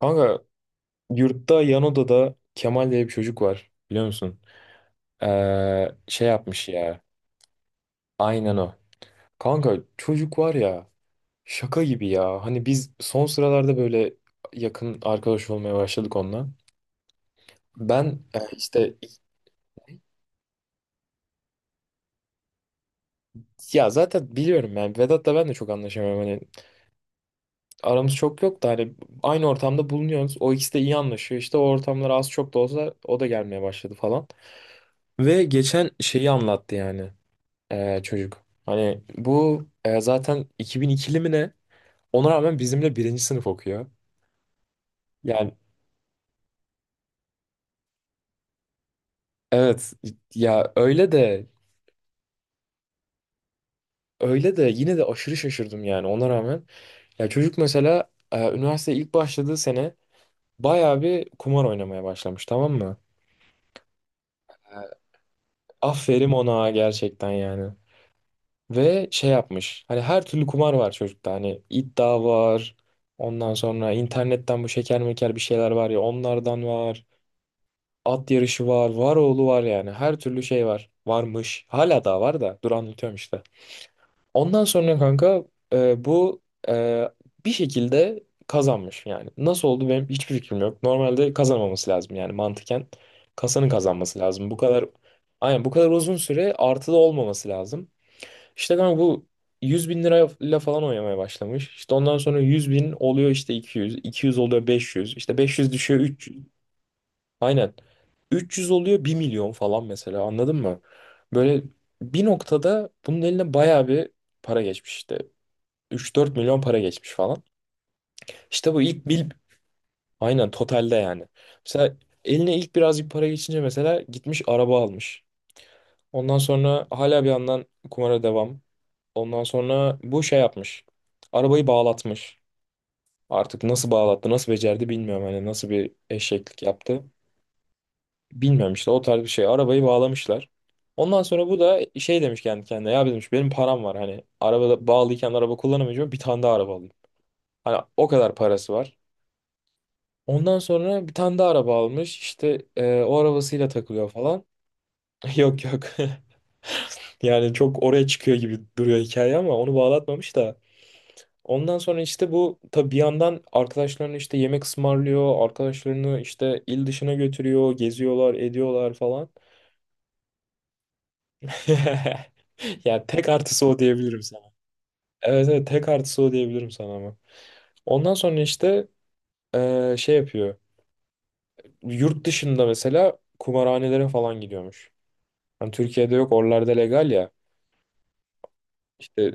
Kanka yurtta yan odada Kemal diye bir çocuk var biliyor musun? Şey yapmış ya. Aynen o. Kanka, çocuk var ya, şaka gibi ya. Hani biz son sıralarda böyle yakın arkadaş olmaya başladık onunla. Ben. İşte ya zaten biliyorum yani, Vedat'la ben de çok anlaşamıyorum. Hani aramız çok yok da hani aynı ortamda bulunuyoruz. O ikisi de iyi anlaşıyor. İşte o ortamlar, az çok da olsa, o da gelmeye başladı falan. Ve geçen şeyi anlattı yani. Çocuk. Hani bu, zaten 2002'li mi ne? Ona rağmen bizimle birinci sınıf okuyor. Yani evet, ya öyle de yine de aşırı şaşırdım yani, ona rağmen. Ya çocuk mesela, üniversiteye ilk başladığı sene bayağı bir kumar oynamaya başlamış, tamam mı? Aferin ona gerçekten yani. Ve şey yapmış. Hani her türlü kumar var çocukta. Hani iddia var. Ondan sonra internetten bu şeker meker bir şeyler var ya, onlardan var. At yarışı var, var oğlu var yani. Her türlü şey var. Varmış. Hala daha var da. Dur anlatıyorum işte. Ondan sonra kanka, bu, e, bir şekilde kazanmış yani. Nasıl oldu benim hiçbir fikrim yok. Normalde kazanmaması lazım yani, mantıken. Kasanın kazanması lazım. Bu kadar, aynen, bu kadar uzun süre artıda olmaması lazım. İşte kanka bu, 100 bin lirayla falan oynamaya başlamış. İşte ondan sonra 100 bin oluyor, işte 200. 200 oluyor 500. İşte 500 düşüyor 300. Aynen. 300 oluyor bir milyon falan mesela, anladın mı? Böyle bir noktada bunun eline bayağı bir para geçmiş işte. Üç dört milyon para geçmiş falan. İşte bu ilk bil aynen, totalde yani. Mesela, eline ilk birazcık para geçince mesela gitmiş araba almış. Ondan sonra hala bir yandan kumara devam. Ondan sonra bu şey yapmış. Arabayı bağlatmış. Artık nasıl bağlattı, nasıl becerdi bilmiyorum. Hani nasıl bir eşeklik yaptı. Bilmiyorum işte, o tarz bir şey. Arabayı bağlamışlar. Ondan sonra bu da şey demiş kendi kendine. Ya, demiş, benim param var, hani arabada bağlıyken araba kullanamayacağım, bir tane daha araba alayım. Hani o kadar parası var. Ondan sonra bir tane daha araba almış. İşte o arabasıyla takılıyor falan. Yok yok. Yani çok oraya çıkıyor gibi duruyor hikaye, ama onu bağlatmamış da. Ondan sonra işte bu tabii bir yandan arkadaşlarını işte yemek ısmarlıyor. Arkadaşlarını işte il dışına götürüyor. Geziyorlar, ediyorlar falan. Yani tek artısı o diyebilirim sana. Evet evet, tek artısı o diyebilirim sana ama. Ondan sonra işte şey yapıyor. Yurt dışında mesela kumarhanelere falan gidiyormuş. Hani Türkiye'de yok, oralarda legal ya. İşte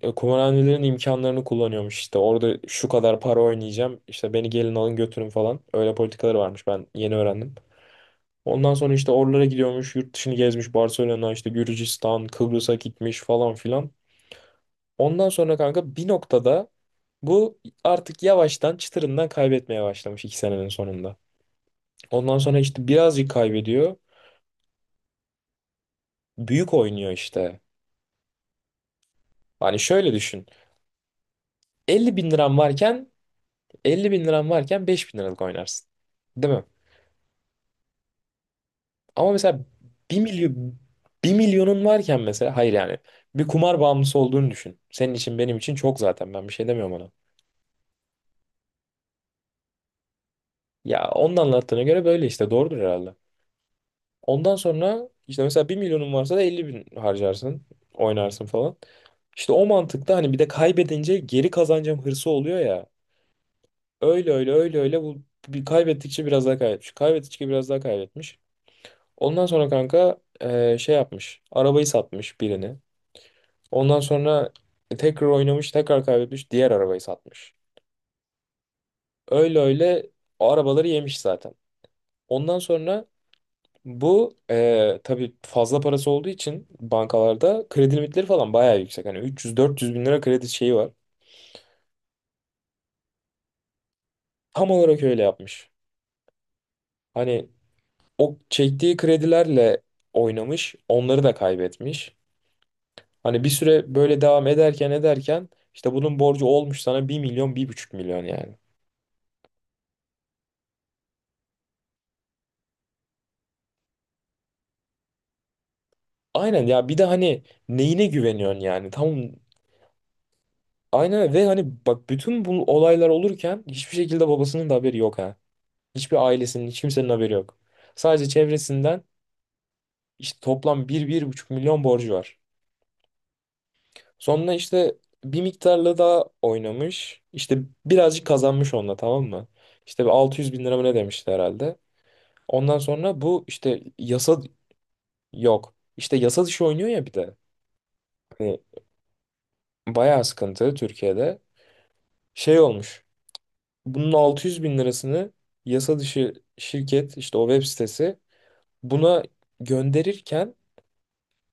kumarhanelerin imkanlarını kullanıyormuş işte. Orada şu kadar para oynayacağım. İşte beni gelin alın götürün falan. Öyle politikaları varmış, ben yeni öğrendim. Ondan sonra işte oralara gidiyormuş. Yurt dışını gezmiş. Barcelona, işte Gürcistan, Kıbrıs'a gitmiş falan filan. Ondan sonra kanka bir noktada bu artık yavaştan çıtırından kaybetmeye başlamış, 2 senenin sonunda. Ondan sonra işte birazcık kaybediyor. Büyük oynuyor işte. Hani şöyle düşün. 50 bin liran varken 50 bin liran varken 5 bin liralık oynarsın. Değil mi? Ama mesela, bir milyon bir milyonun varken mesela, hayır yani, bir kumar bağımlısı olduğunu düşün. Senin için benim için çok, zaten ben bir şey demiyorum ona. Ya onun anlattığına göre böyle işte, doğrudur herhalde. Ondan sonra işte mesela bir milyonun varsa da 50 bin harcarsın. Oynarsın falan. İşte o mantıkta, hani bir de kaybedince geri kazanacağım hırsı oluyor ya. Öyle öyle öyle öyle, bu bir kaybettikçe biraz daha kaybetmiş. Kaybettikçe biraz daha kaybetmiş. Ondan sonra kanka şey yapmış. Arabayı satmış, birini. Ondan sonra tekrar oynamış, tekrar kaybetmiş, diğer arabayı satmış. Öyle öyle o arabaları yemiş zaten. Ondan sonra bu tabii fazla parası olduğu için bankalarda kredi limitleri falan bayağı yüksek. Hani 300-400 bin lira kredi şeyi var. Tam olarak öyle yapmış. Hani o çektiği kredilerle oynamış, onları da kaybetmiş. Hani bir süre böyle devam ederken işte bunun borcu olmuş sana bir milyon, bir buçuk milyon yani. Aynen ya, bir de hani neyine güveniyorsun yani? Tam, aynen, ve hani bak, bütün bu olaylar olurken hiçbir şekilde babasının da haberi yok. Hiçbir ailesinin, hiç kimsenin haberi yok. Sadece çevresinden, işte toplam bir bir buçuk milyon borcu var. Sonra işte bir miktarla daha oynamış. İşte birazcık kazanmış onunla, tamam mı? İşte bir 600 bin lira mı ne demişti herhalde. Ondan sonra bu işte, yasa yok. İşte yasa dışı oynuyor ya bir de. Hani bayağı sıkıntı Türkiye'de. Şey olmuş. Bunun 600 bin lirasını yasa dışı şirket, işte o web sitesi buna gönderirken,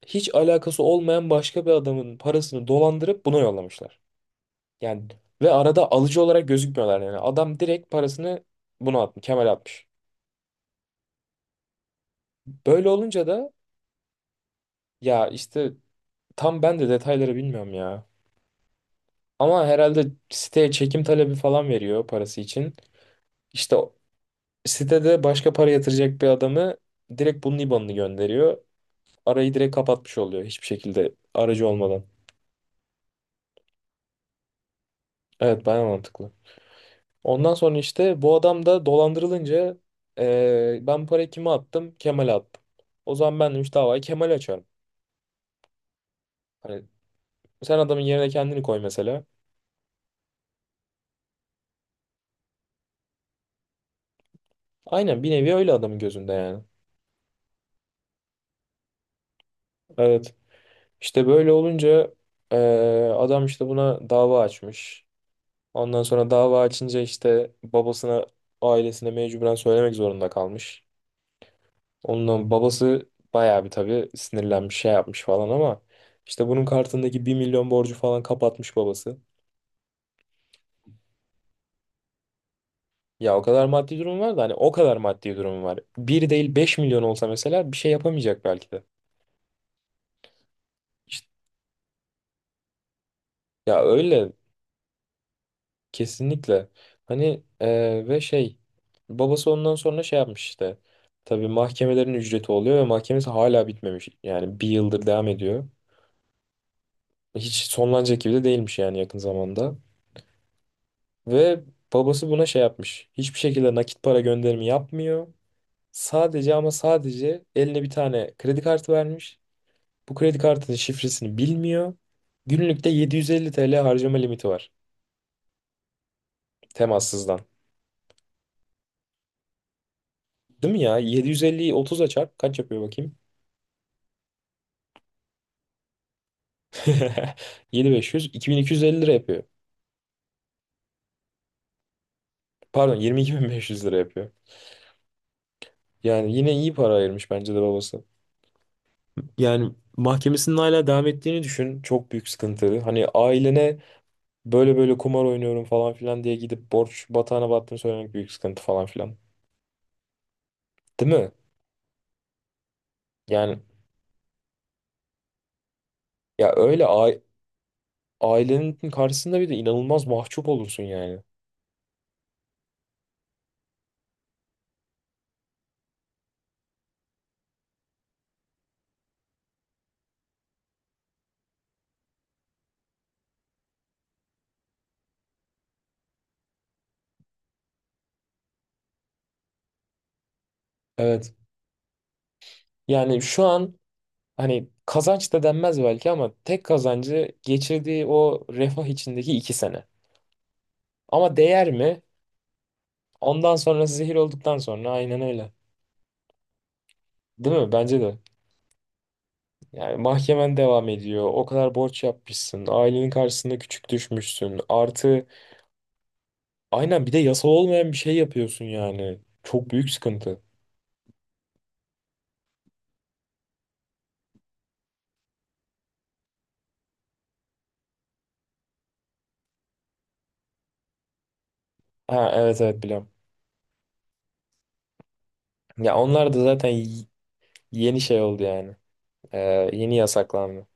hiç alakası olmayan başka bir adamın parasını dolandırıp buna yollamışlar. Yani ve arada alıcı olarak gözükmüyorlar yani. Adam direkt parasını buna atmış, Kemal atmış. Böyle olunca da, ya işte, tam ben de detayları bilmiyorum ya. Ama herhalde siteye çekim talebi falan veriyor parası için. İşte o- Sitede başka para yatıracak bir adamı direkt bunun IBAN'ını gönderiyor. Arayı direkt kapatmış oluyor, hiçbir şekilde aracı olmadan. Evet, bayağı mantıklı. Ondan sonra işte bu adam da dolandırılınca ben bu parayı kime attım? Kemal'e attım. O zaman, ben demiş, davayı Kemal'e açarım. Hani sen adamın yerine kendini koy mesela. Aynen, bir nevi öyle adamın gözünde yani. Evet. İşte böyle olunca eee, adam işte buna dava açmış. Ondan sonra dava açınca işte babasına, ailesine mecburen söylemek zorunda kalmış. Ondan babası bayağı bir tabii sinirlenmiş, şey yapmış falan, ama işte bunun kartındaki bir milyon borcu falan kapatmış babası. Ya o kadar maddi durum var da, hani o kadar maddi durum var. Bir değil 5 milyon olsa mesela, bir şey yapamayacak belki de. İşte, ya öyle, kesinlikle. Hani, ve şey, babası ondan sonra şey yapmış işte. Tabii mahkemelerin ücreti oluyor ve mahkemesi hala bitmemiş. Yani bir yıldır devam ediyor. Hiç sonlanacak gibi de değilmiş yani, yakın zamanda. Ve babası buna şey yapmış. Hiçbir şekilde nakit para gönderimi yapmıyor. Sadece ama sadece eline bir tane kredi kartı vermiş. Bu kredi kartının şifresini bilmiyor. Günlükte 750 TL harcama limiti var. Temassızdan. Değil mi ya? 750'yi 30'a çarp. Kaç yapıyor bakayım? 7.500. 2.250 lira yapıyor. Pardon, 22.500 lira yapıyor. Yani yine iyi para ayırmış bence de babası. Yani mahkemesinin hala devam ettiğini düşün. Çok büyük sıkıntı. Hani ailene böyle böyle kumar oynuyorum falan filan diye gidip borç batağına battığını söylemek büyük sıkıntı, falan filan. Değil mi? Yani, ya öyle a- ailenin karşısında bir de inanılmaz mahcup olursun yani. Evet. Yani şu an, hani kazanç da denmez belki ama, tek kazancı geçirdiği o refah içindeki 2 sene. Ama değer mi? Ondan sonra zehir olduktan sonra aynen öyle. Değil mi? Bence de. Yani mahkemen devam ediyor. O kadar borç yapmışsın. Ailenin karşısında küçük düşmüşsün. Artı, aynen, bir de yasal olmayan bir şey yapıyorsun yani. Çok büyük sıkıntı. Ha evet evet biliyorum. Ya onlar da zaten y- Yeni şey oldu yani. Yeni yasaklandı.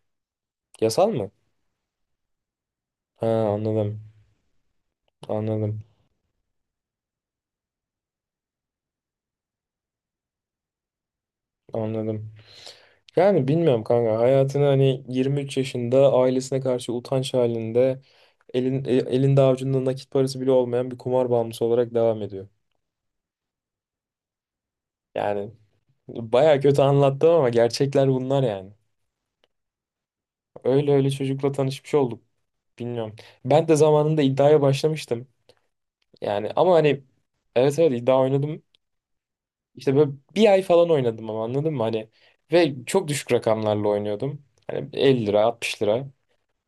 Yasal mı? Ha, anladım. Anladım. Anladım. Yani bilmiyorum kanka. Hayatını hani 23 yaşında ailesine karşı utanç halinde, elinde avucunda nakit parası bile olmayan bir kumar bağımlısı olarak devam ediyor. Yani baya kötü anlattım ama gerçekler bunlar yani. Öyle öyle çocukla tanışmış olduk. Bilmiyorum. Ben de zamanında iddiaya başlamıştım. Yani, ama hani, evet evet, iddia oynadım. İşte böyle bir ay falan oynadım ama, anladın mı? Hani ve çok düşük rakamlarla oynuyordum. Hani 50 lira, 60 lira.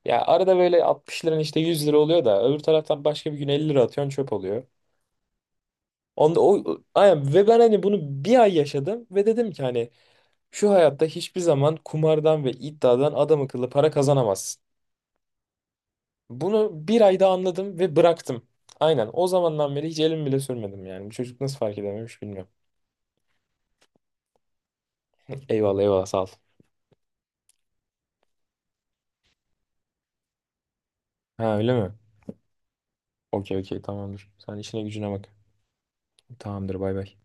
Ya arada böyle 60 liranın işte 100 lira oluyor da, öbür taraftan başka bir gün 50 lira atıyorsun çöp oluyor. Aynen, ve ben hani bunu bir ay yaşadım ve dedim ki hani, şu hayatta hiçbir zaman kumardan ve iddiadan adam akıllı para kazanamazsın. Bunu bir ayda anladım ve bıraktım. Aynen, o zamandan beri hiç elim bile sürmedim yani. Bu çocuk nasıl fark edememiş bilmiyorum. Eyvallah eyvallah, sağ ol. Ha, öyle mi? Okey okey, tamamdır. Sen işine gücüne bak. Tamamdır, bay bay.